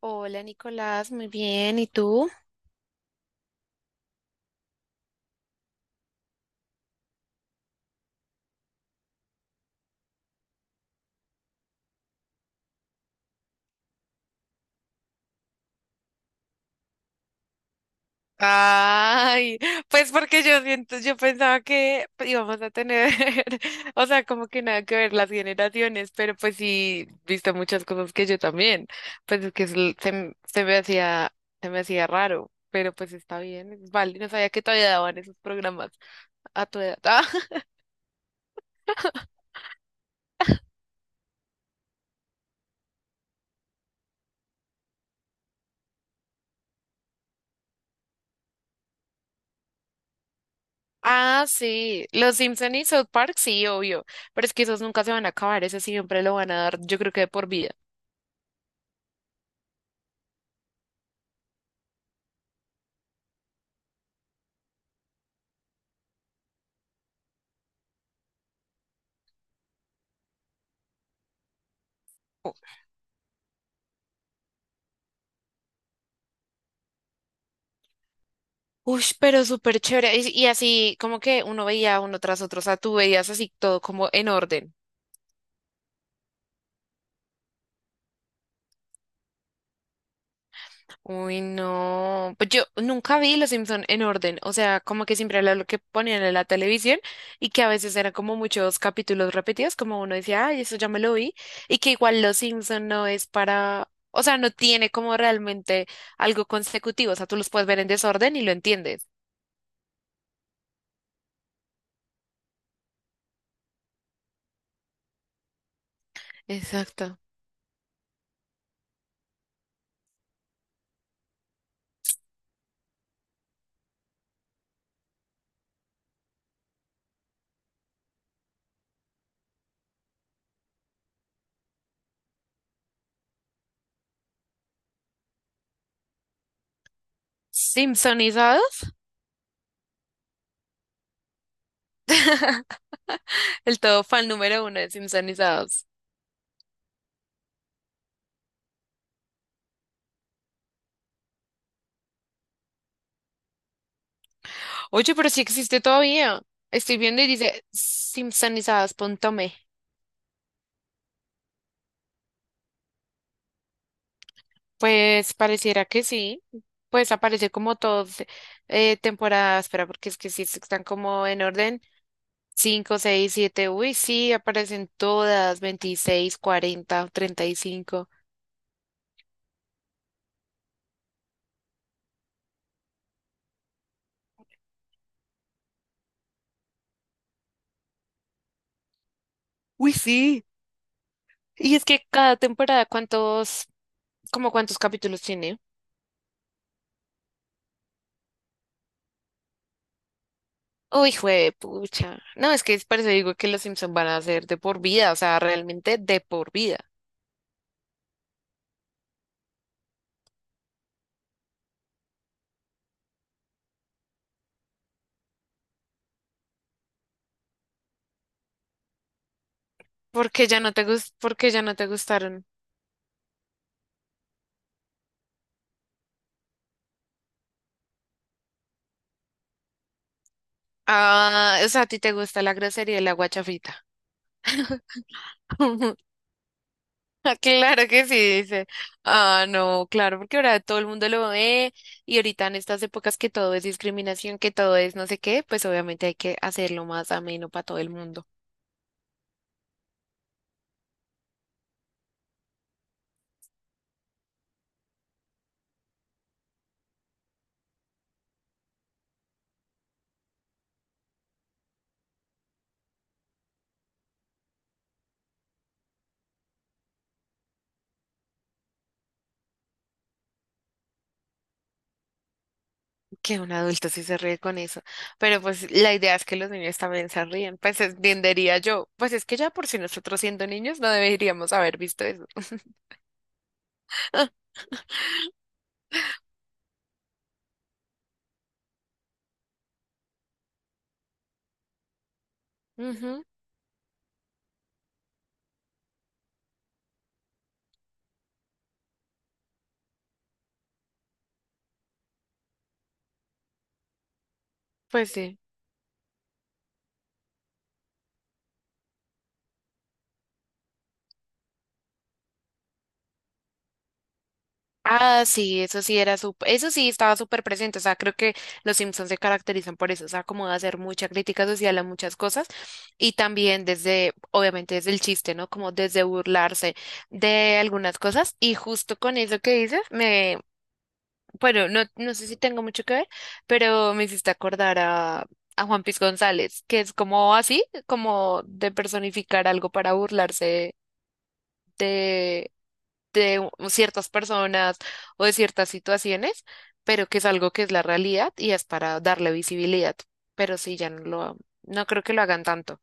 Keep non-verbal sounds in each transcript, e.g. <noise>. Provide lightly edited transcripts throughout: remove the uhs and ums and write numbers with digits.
Hola Nicolás, muy bien. ¿Y tú? Ay, pues porque yo pensaba que íbamos a tener, <laughs> o sea, como que nada que ver las generaciones, pero pues sí, visto muchas cosas que yo también, pues es que es l- se, m- se me hacía raro, pero pues está bien, es vale, no sabía que todavía daban esos programas a tu edad. <laughs> Ah, sí, los Simpson y South Park, sí, obvio, pero es que esos nunca se van a acabar, esos siempre lo van a dar, yo creo que de por vida. Uy, pero súper chévere. Y así como que uno veía uno tras otro, o sea, tú veías así todo como en orden. Uy, no. Pues yo nunca vi Los Simpson en orden, o sea, como que siempre era lo que ponían en la televisión y que a veces eran como muchos capítulos repetidos, como uno decía, ay, eso ya me lo vi, y que igual Los Simpson no es para, o sea, no tiene como realmente algo consecutivo, o sea, tú los puedes ver en desorden y lo entiendes. Exacto. Simpsonizados, <laughs> el todo fan número uno de Simpsonizados. Oye, pero sí existe todavía. Estoy viendo y dice simpsonizadas.me. Pues pareciera que sí. Pues aparece como todos, temporadas. Espera, porque es que sí están como en orden. Cinco, 6, 7. Uy, sí, aparecen todas. 26, 40, 35. Uy, sí. Y es que cada temporada, ¿ como cuántos capítulos tiene? Uy, jue pucha. No, es que es por eso digo que los Simpsons van a ser de por vida, o sea, realmente de por vida. Porque ya no te gustaron. Ah, o sea, a ti te gusta la grosería y la guachafita. <laughs> Ah, claro que sí, dice. Ah, no, claro, porque ahora todo el mundo lo ve y ahorita en estas épocas que todo es discriminación, que todo es no sé qué, pues obviamente hay que hacerlo más ameno para todo el mundo. Que un adulto sí se ríe con eso. Pero pues la idea es que los niños también se ríen. Pues entendería yo. Pues es que ya por si nosotros siendo niños no deberíamos haber visto eso. <laughs> Ujú, pues sí. Ah, sí, eso sí era súper, eso sí estaba súper presente, o sea, creo que los Simpsons se caracterizan por eso, o sea, como de hacer mucha crítica social a muchas cosas y también desde, obviamente desde el chiste, ¿no? Como desde burlarse de algunas cosas y justo con eso que dices, me, bueno, no, no sé si tengo mucho que ver, pero me hiciste acordar a Juan Piz González, que es como así, como de personificar algo para burlarse de ciertas personas o de ciertas situaciones, pero que es algo que es la realidad y es para darle visibilidad. Pero sí, no creo que lo hagan tanto.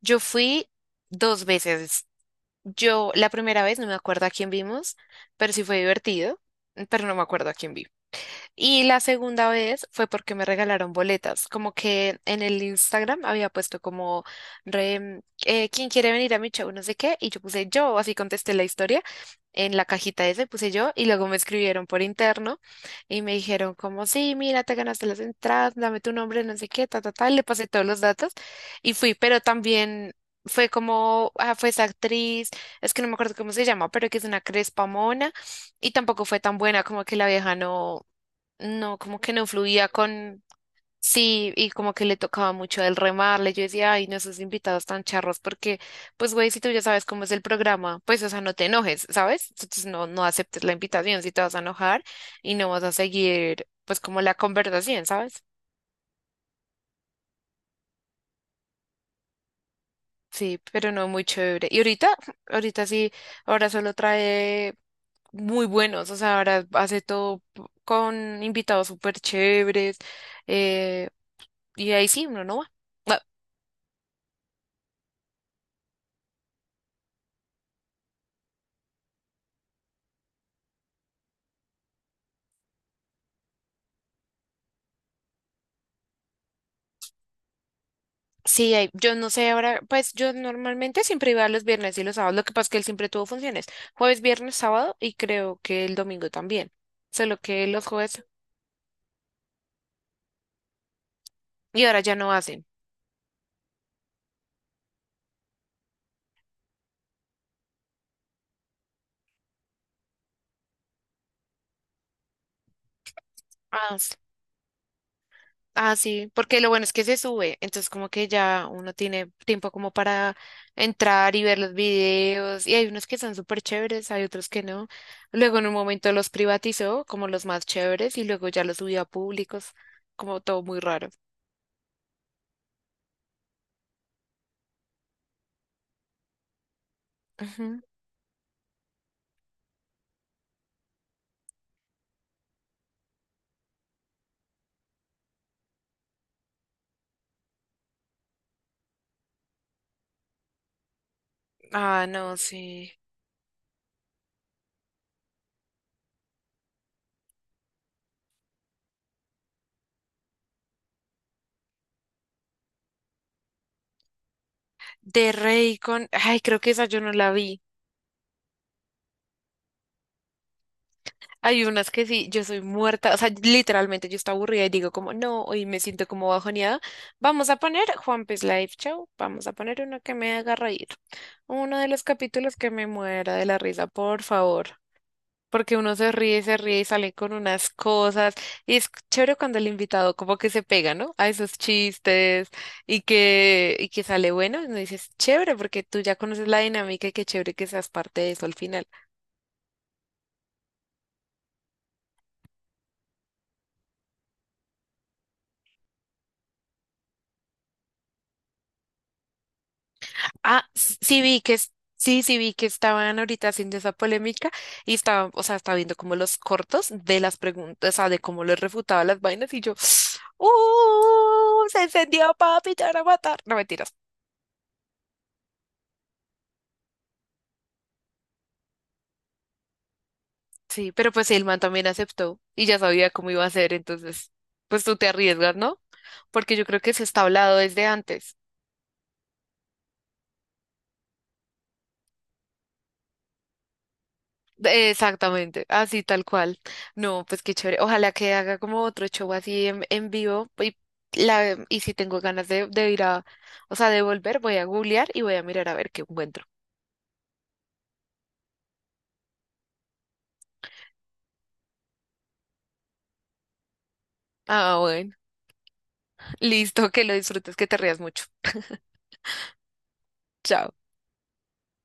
Yo fui dos veces. Yo la primera vez no me acuerdo a quién vimos, pero sí fue divertido, pero no me acuerdo a quién vimos. Y la segunda vez fue porque me regalaron boletas, como que en el Instagram había puesto como, ¿quién quiere venir a mi show? No sé qué, y yo puse yo, así contesté la historia en la cajita esa, puse yo, y luego me escribieron por interno y me dijeron como, sí, mira, te ganaste las entradas, dame tu nombre, no sé qué, ta, ta, ta, y le pasé todos los datos y fui, pero también... Fue como, ah, fue esa actriz, es que no me acuerdo cómo se llama, pero que es una crespa mona y tampoco fue tan buena, como que la vieja no, no, como que no fluía con, sí, y como que le tocaba mucho el remarle. Yo decía, ay, no, esos invitados tan charros, porque, pues, güey, si tú ya sabes cómo es el programa, pues, o sea, no te enojes, ¿sabes? Entonces no, no aceptes la invitación si te vas a enojar y no vas a seguir, pues, como la conversación, ¿sabes? Sí, pero no muy chévere. Y ahorita, <laughs> ahorita sí, ahora solo trae muy buenos, o sea, ahora hace todo con invitados súper chéveres, eh, y ahí sí, uno no va. <laughs> Sí, yo no sé ahora, pues yo normalmente siempre iba los viernes y los sábados, lo que pasa es que él siempre tuvo funciones, jueves, viernes, sábado y creo que el domingo también, solo que los jueves y ahora ya no hacen. Ah, ah, sí, porque lo bueno es que se sube, entonces como que ya uno tiene tiempo como para entrar y ver los videos y hay unos que son súper chéveres, hay otros que no. Luego en un momento los privatizó como los más chéveres y luego ya los subió a públicos, como todo muy raro. Ujú. Ah, no, sí. De Raycon, ay, creo que esa yo no la vi. Hay unas que sí, yo soy muerta, o sea, literalmente yo estoy aburrida y digo como, no, hoy me siento como bajoneada. Vamos a poner Juan Pez Live Show, vamos a poner uno que me haga reír. Uno de los capítulos que me muera de la risa, por favor. Porque uno se ríe y sale con unas cosas. Y es chévere cuando el invitado como que se pega, ¿no? A esos chistes y que sale bueno. Y uno dices, chévere, porque tú ya conoces la dinámica y qué chévere que seas parte de eso al final. Ah, sí vi que estaban ahorita haciendo esa polémica y estaba, o sea, estaba viendo como los cortos de las preguntas, o sea, de cómo les refutaba las vainas y yo, ¡uh! Se encendió, papi, te van a matar. No mentiras. Sí, pero pues el man también aceptó y ya sabía cómo iba a ser, entonces, pues tú te arriesgas, ¿no? Porque yo creo que se está hablado desde antes. Exactamente, así tal cual. No, pues qué chévere. Ojalá que haga como otro show así en, vivo. Y si tengo ganas de ir a, o sea, de volver, voy a googlear y voy a mirar a ver qué encuentro. Ah, bueno. <laughs> Listo, que lo disfrutes, que te rías mucho. Chao.